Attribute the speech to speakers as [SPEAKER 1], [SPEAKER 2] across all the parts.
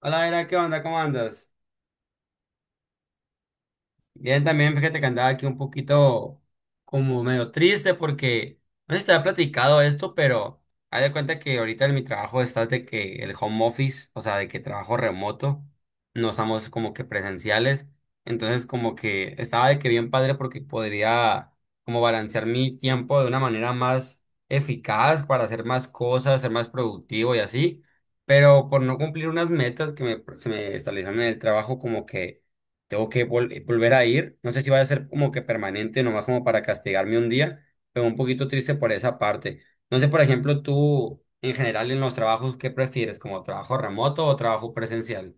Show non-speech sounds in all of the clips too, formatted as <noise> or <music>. [SPEAKER 1] Hola, Era, ¿qué onda? ¿Cómo andas? Bien, también fíjate que andaba aquí un poquito como medio triste porque no sé si te había platicado esto, pero haz de cuenta que ahorita en mi trabajo está de que el home office, o sea, de que trabajo remoto, no estamos como que presenciales, entonces como que estaba de que bien padre porque podría como balancear mi tiempo de una manera más eficaz para hacer más cosas, ser más productivo y así, pero por no cumplir unas metas que me, se me establecieron en el trabajo como que tengo que volver a ir. No sé si vaya a ser como que permanente, nomás como para castigarme un día, pero un poquito triste por esa parte. No sé, por ejemplo, tú en general en los trabajos, ¿qué prefieres? ¿Como trabajo remoto o trabajo presencial?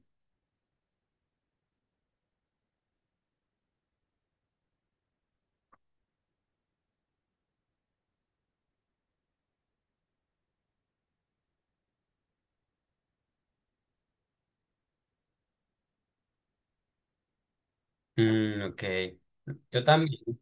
[SPEAKER 1] Mm, ok. Yo también.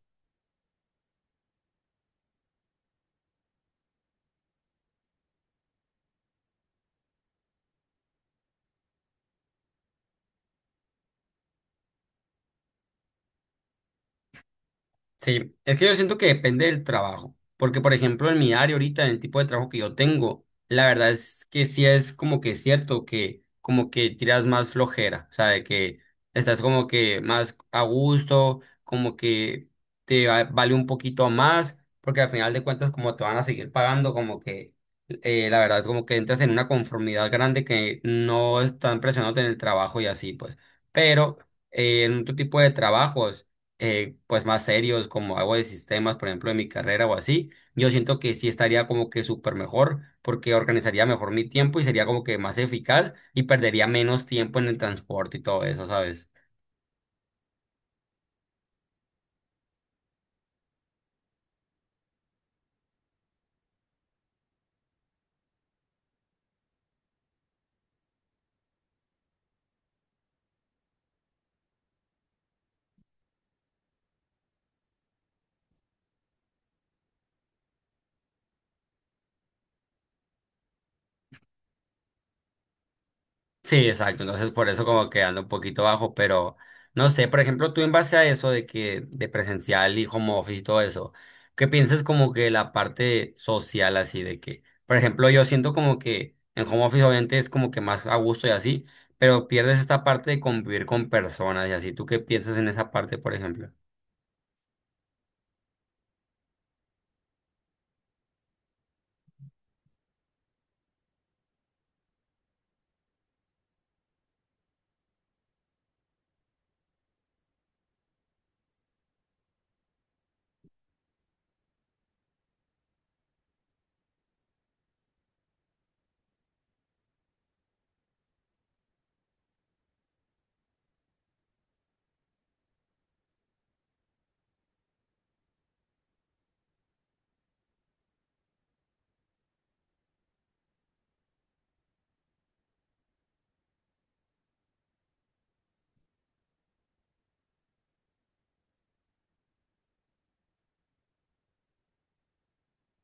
[SPEAKER 1] Sí, es que yo siento que depende del trabajo, porque por ejemplo en mi área ahorita, en el tipo de trabajo que yo tengo, la verdad es que sí es como que cierto que como que tiras más flojera, o sea, de que estás como que más a gusto, como que vale un poquito más, porque al final de cuentas como te van a seguir pagando, como que la verdad como que entras en una conformidad grande que no están presionándote en el trabajo y así pues, pero en otro tipo de trabajos pues más serios como algo de sistemas, por ejemplo, de mi carrera o así, yo siento que sí estaría como que súper mejor porque organizaría mejor mi tiempo y sería como que más eficaz y perdería menos tiempo en el transporte y todo eso, ¿sabes? Sí, exacto. Entonces, por eso como que ando un poquito bajo, pero no sé, por ejemplo, tú en base a eso de que de presencial y home office y todo eso, ¿qué piensas como que la parte social así de que, por ejemplo, yo siento como que en home office obviamente es como que más a gusto y así, pero pierdes esta parte de convivir con personas y así. ¿Tú qué piensas en esa parte, por ejemplo?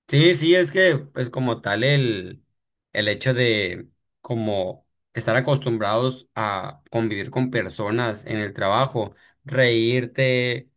[SPEAKER 1] Sí, sí, es que pues como tal el hecho de como estar acostumbrados a convivir con personas en el trabajo, reírte,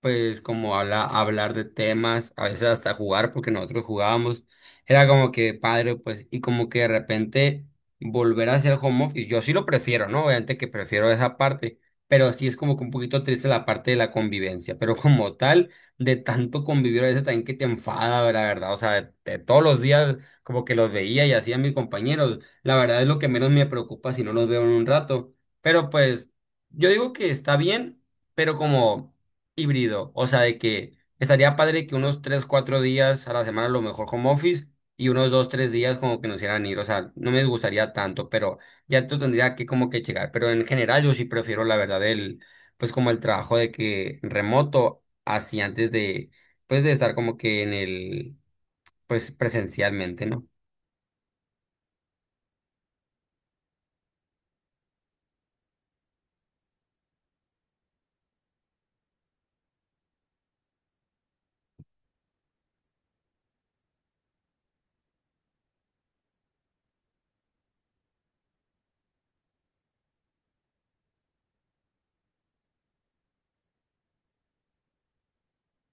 [SPEAKER 1] pues como hablar de temas, a veces hasta jugar, porque nosotros jugábamos, era como que padre, pues, y como que de repente volver a hacer home office, yo sí lo prefiero, ¿no? Obviamente que prefiero esa parte, pero sí es como que un poquito triste la parte de la convivencia, pero como tal, de tanto convivir a veces también que te enfada, la verdad, o sea, de todos los días como que los veía y hacía mis compañeros, la verdad es lo que menos me preocupa si no los veo en un rato, pero pues yo digo que está bien, pero como híbrido, o sea, de que estaría padre que unos 3 4 días a la semana a lo mejor home office y unos 2 3 días como que nos hicieran ir, o sea, no me gustaría tanto, pero ya esto tendría que como que llegar, pero en general yo sí prefiero la verdad el, pues como el trabajo de que remoto, así antes de, pues de estar como que en el, pues presencialmente, ¿no?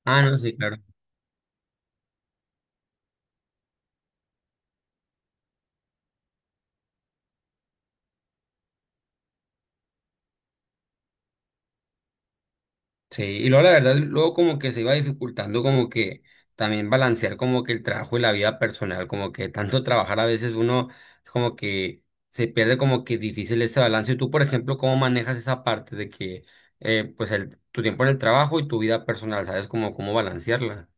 [SPEAKER 1] Ah, no, sí, claro. Sí, y luego la verdad, luego como que se iba dificultando como que también balancear como que el trabajo y la vida personal, como que tanto trabajar a veces uno es como que se pierde como que difícil ese balance. Y tú, por ejemplo, ¿cómo manejas esa parte de que pues el, tu tiempo en el trabajo y tu vida personal, ¿sabes como cómo balancearla?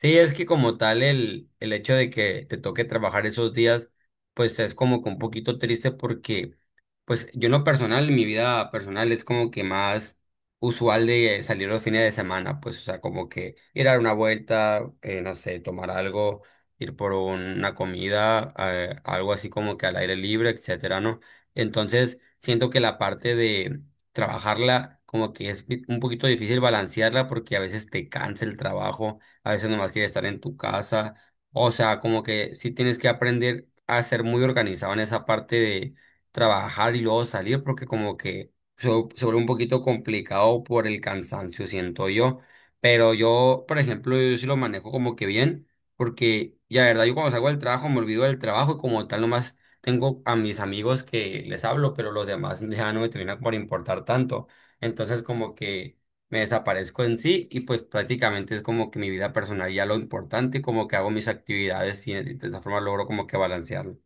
[SPEAKER 1] Sí, es que como tal el hecho de que te toque trabajar esos días, pues es como que un poquito triste porque pues yo en lo personal, en mi vida personal es como que más usual de salir los fines de semana, pues o sea, como que ir a dar una vuelta, no sé, tomar algo, ir por una comida, algo así como que al aire libre, etcétera, ¿no? Entonces siento que la parte de trabajarla como que es un poquito difícil balancearla porque a veces te cansa el trabajo, a veces nomás quieres estar en tu casa, o sea, como que sí tienes que aprender a ser muy organizado en esa parte de trabajar y luego salir porque como que se, se vuelve un poquito complicado por el cansancio, siento yo. Pero yo, por ejemplo, yo sí lo manejo como que bien porque ya, verdad, yo cuando salgo del trabajo me olvido del trabajo y como tal nomás tengo a mis amigos que les hablo, pero los demás <laughs> ya no me terminan por importar tanto. Entonces como que me desaparezco en sí y pues prácticamente es como que mi vida personal ya lo importante, como que hago mis actividades y de esa forma logro como que balancearlo.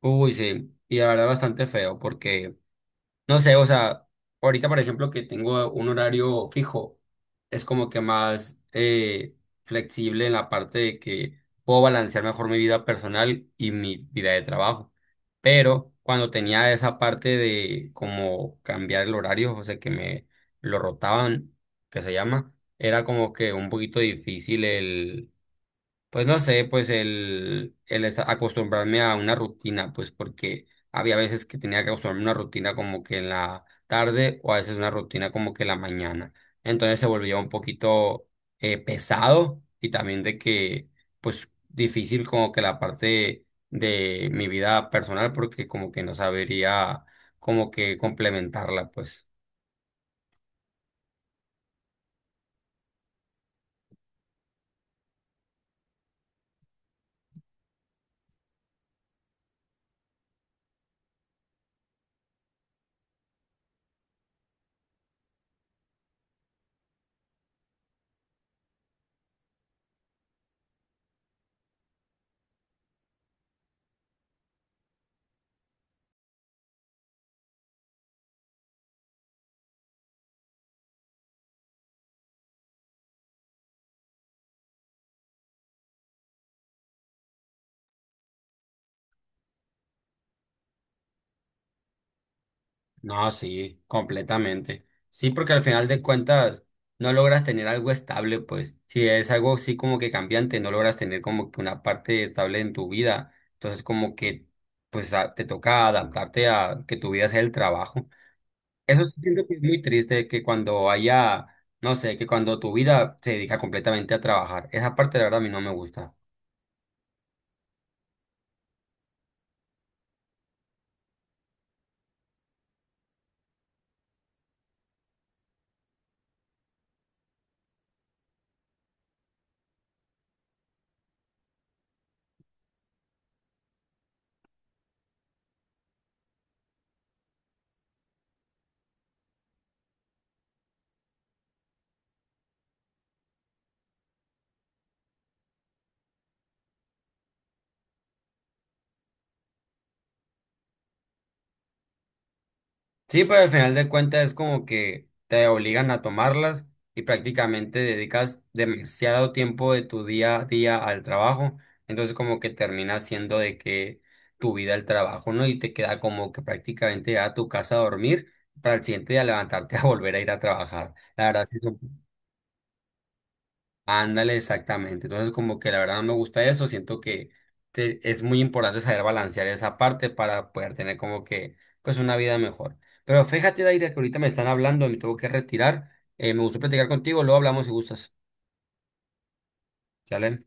[SPEAKER 1] Uy, sí, y la verdad bastante feo porque, no sé, o sea, ahorita por ejemplo que tengo un horario fijo, es como que más flexible en la parte de que puedo balancear mejor mi vida personal y mi vida de trabajo. Pero cuando tenía esa parte de como cambiar el horario, o sea, que me lo rotaban, que se llama, era como que un poquito difícil pues no sé, pues acostumbrarme a una rutina, pues porque había veces que tenía que acostumbrarme a una rutina como que en la tarde o a veces una rutina como que en la mañana. Entonces se volvía un poquito pesado y también de que, pues difícil como que la parte de mi vida personal porque como que no sabería como que complementarla, pues. No, sí, completamente. Sí, porque al final de cuentas no logras tener algo estable, pues si es algo así como que cambiante, no logras tener como que una parte estable en tu vida. Entonces como que pues te toca adaptarte a que tu vida sea el trabajo. Eso sí siento que es muy triste que cuando haya, no sé, que cuando tu vida se dedica completamente a trabajar. Esa parte la verdad a mí no me gusta. Sí, pero al final de cuentas es como que te obligan a tomarlas y prácticamente dedicas demasiado tiempo de tu día a día al trabajo. Entonces como que termina siendo de que tu vida el trabajo, ¿no? Y te queda como que prácticamente ya a tu casa a dormir para el siguiente día levantarte <laughs> a volver a ir a trabajar. La verdad sí. Ándale, exactamente. Entonces, como que la verdad no me gusta eso. Siento que es muy importante saber balancear esa parte para poder tener como que, pues, una vida mejor. Pero fíjate, Daira, que ahorita me están hablando, me tengo que retirar. Me gustó platicar contigo, luego hablamos si gustas. ¿Sale?